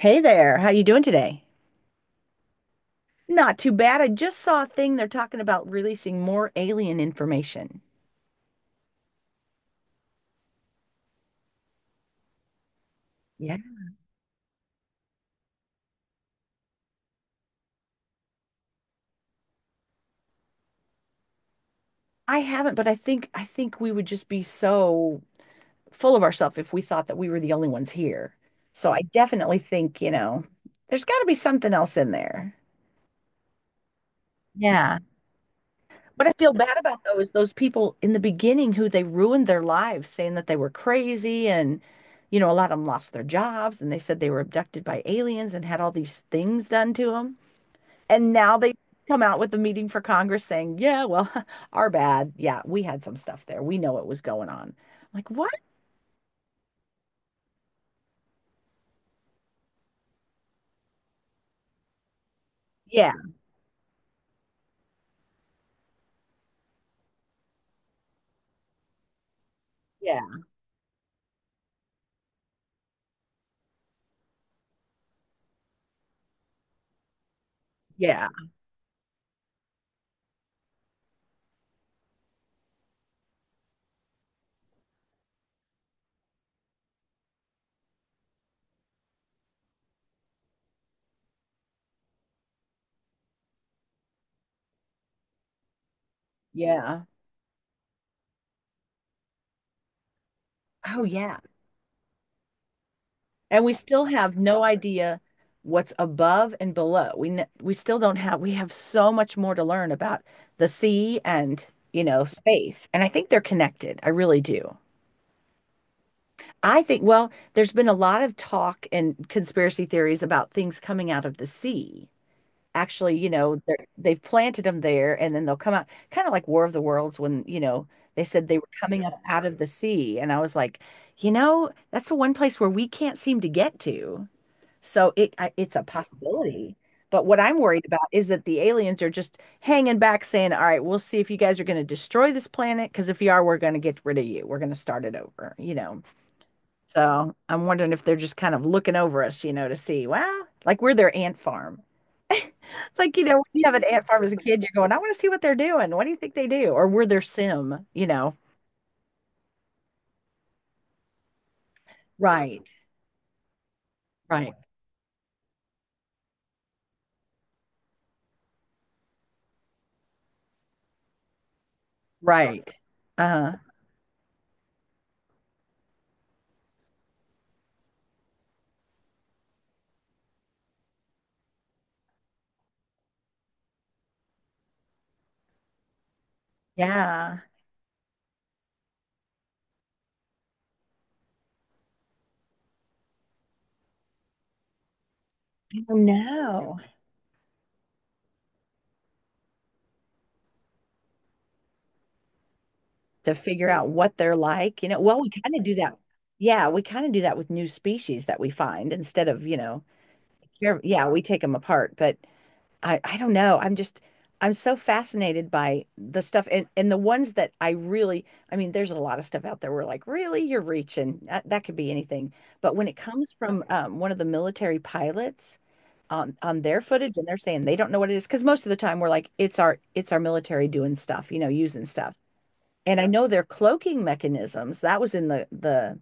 Hey there, how you doing today? Not too bad. I just saw a thing they're talking about releasing more alien information. Yeah. I haven't, but I think we would just be so full of ourselves if we thought that we were the only ones here. So I definitely think, you know, there's got to be something else in there. Yeah. What I feel bad about though is those people in the beginning who they ruined their lives saying that they were crazy and you know, a lot of them lost their jobs and they said they were abducted by aliens and had all these things done to them. And now they come out with the meeting for Congress saying, yeah, well, our bad. Yeah, we had some stuff there. We know it was going on. Like, what? Yeah, yeah, yeah, yeah. Oh, yeah. And we still have no idea what's above and below. We still don't have, we have so much more to learn about the sea and, you know, space. And I think they're connected. I really do. I think, well, there's been a lot of talk and conspiracy theories about things coming out of the sea actually, you know, they're, they've planted them there and then they'll come out kind of like War of the Worlds when, you know, they said they were coming up out of the sea. And I was like, you know, that's the one place where we can't seem to get to. It's a possibility. But what I'm worried about is that the aliens are just hanging back saying, all right, we'll see if you guys are going to destroy this planet. Because if you are, we're going to get rid of you. We're going to start it over, you know. So I'm wondering if they're just kind of looking over us, you know, to see, wow, like we're their ant farm. Like, you know, when you have an ant farm as a kid, you're going, I want to see what they're doing. What do you think they do? Or were their sim, you know? Right, right, right. Uh, yeah. I do to figure out what they're like, you know. Well, we kind of do that. Yeah, we kind of do that with new species that we find instead of, you know, yeah, we take them apart, but I don't know. I'm just I'm so fascinated by the stuff and the ones that I really I mean, there's a lot of stuff out there where like, really, you're reaching. That could be anything. But when it comes from one of the military pilots on their footage and they're saying they don't know what it is, because most of the time we're like, it's our military doing stuff, you know, using stuff. And I know their cloaking mechanisms, that was in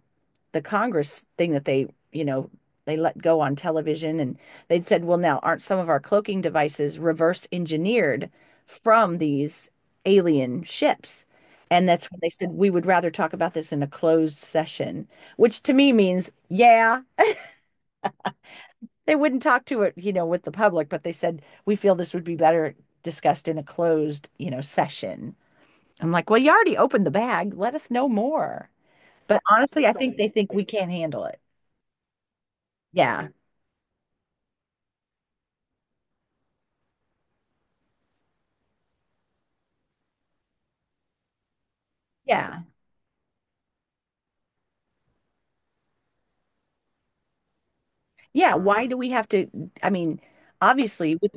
the Congress thing that they, you know, they let go on television and they'd said, well, now aren't some of our cloaking devices reverse engineered from these alien ships? And that's when they said, we would rather talk about this in a closed session, which to me means, yeah, they wouldn't talk to it, you know, with the public, but they said, we feel this would be better discussed in a closed, you know, session. I'm like, well, you already opened the bag. Let us know more. But honestly, I think they think we can't handle it. Yeah. Yeah. Yeah, why do we have to? I mean, obviously, with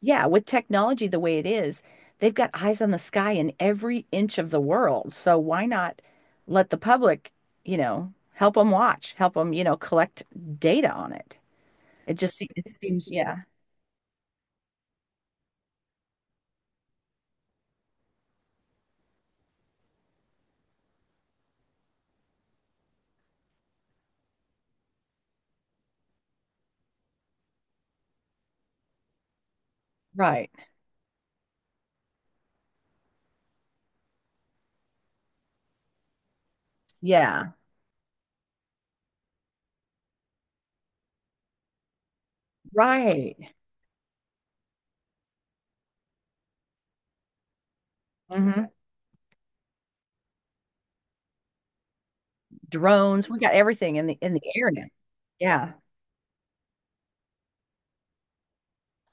yeah, with technology the way it is, they've got eyes on the sky in every inch of the world. So why not let the public, you know, help them watch, help them, you know, collect data on it? It seems, yeah, right, yeah, right. Hmm. Drones, we got everything in the air now. Yeah.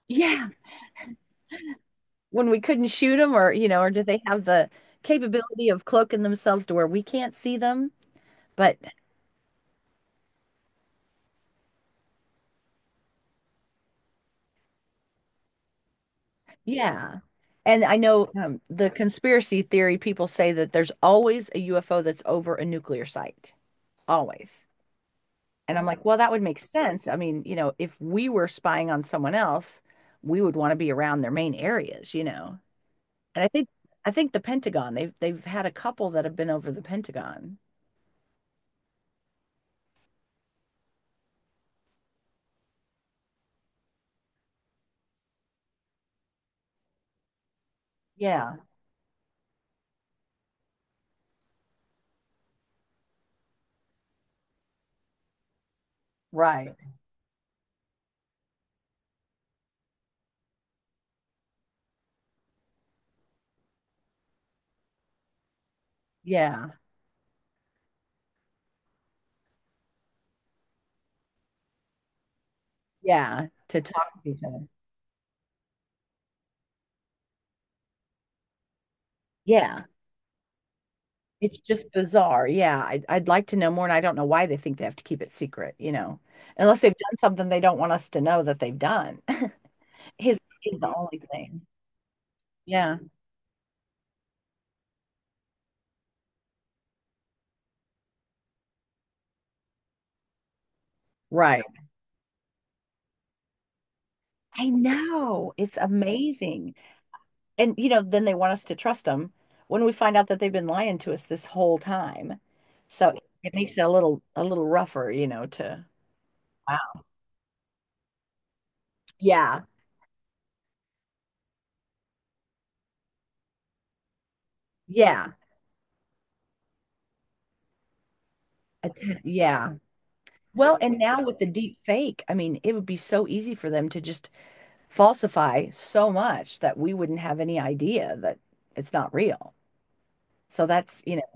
Yeah. When we couldn't shoot them or, you know, or do they have the capability of cloaking themselves to where we can't see them? But yeah. And I know the conspiracy theory people say that there's always a UFO that's over a nuclear site, always. And I'm like, well, that would make sense. I mean, you know, if we were spying on someone else, we would want to be around their main areas, you know. And I think the Pentagon, they've had a couple that have been over the Pentagon. Yeah, right. Yeah. Yeah, to talk to each other. Yeah. It's just bizarre. Yeah, I'd like to know more, and I don't know why they think they have to keep it secret, you know, unless they've done something they don't want us to know that they've done. His is the only thing. Yeah, right. I know. It's amazing. And you know, then they want us to trust them when we find out that they've been lying to us this whole time. So it makes it a little rougher, you know, to wow. Yeah. Yeah. Atta- yeah. Well, and now with the deep fake, I mean, it would be so easy for them to just falsify so much that we wouldn't have any idea that it's not real. So that's, you know,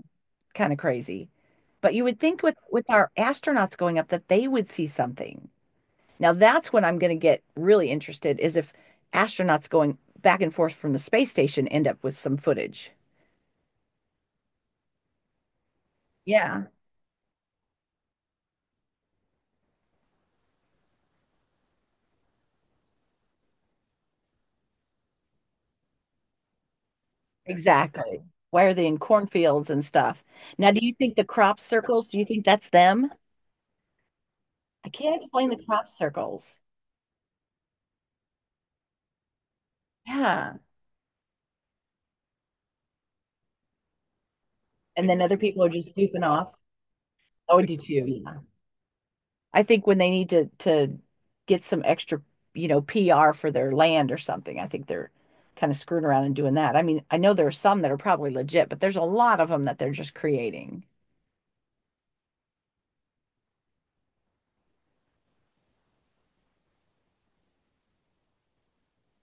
kind of crazy. But you would think with our astronauts going up that they would see something. Now that's when I'm going to get really interested is if astronauts going back and forth from the space station end up with some footage. Yeah, exactly. Why are they in cornfields and stuff? Now, do you think the crop circles, do you think that's them? I can't explain the crop circles. Yeah. And then other people are just goofing off. Oh, I do too. Yeah. I think when they need to get some extra, you know, PR for their land or something, I think they're kind of screwing around and doing that. I mean, I know there are some that are probably legit, but there's a lot of them that they're just creating.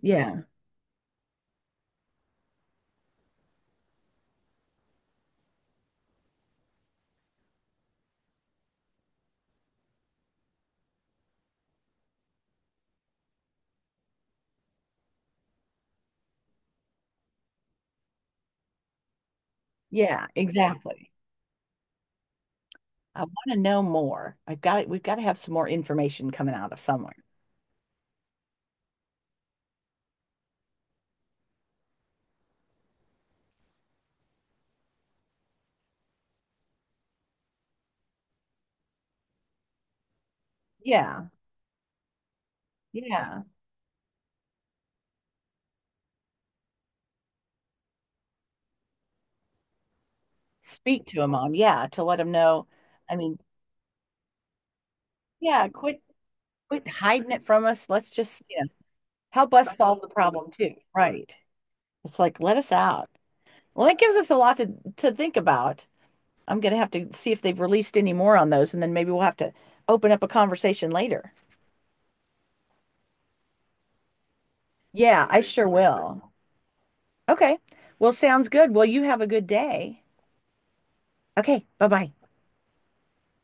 Yeah. Yeah, exactly. I want to know more. I've got it. We've got to have some more information coming out of somewhere. Yeah. Yeah. Speak to them on. Yeah. To let them know. I mean, yeah, quit hiding it from us. Let's just, you know, help us solve the problem too. Right. It's like, let us out. Well, that gives us a lot to think about. I'm going to have to see if they've released any more on those, and then maybe we'll have to open up a conversation later. Yeah, I sure will. Okay. Well, sounds good. Well, you have a good day. Okay. Bye bye.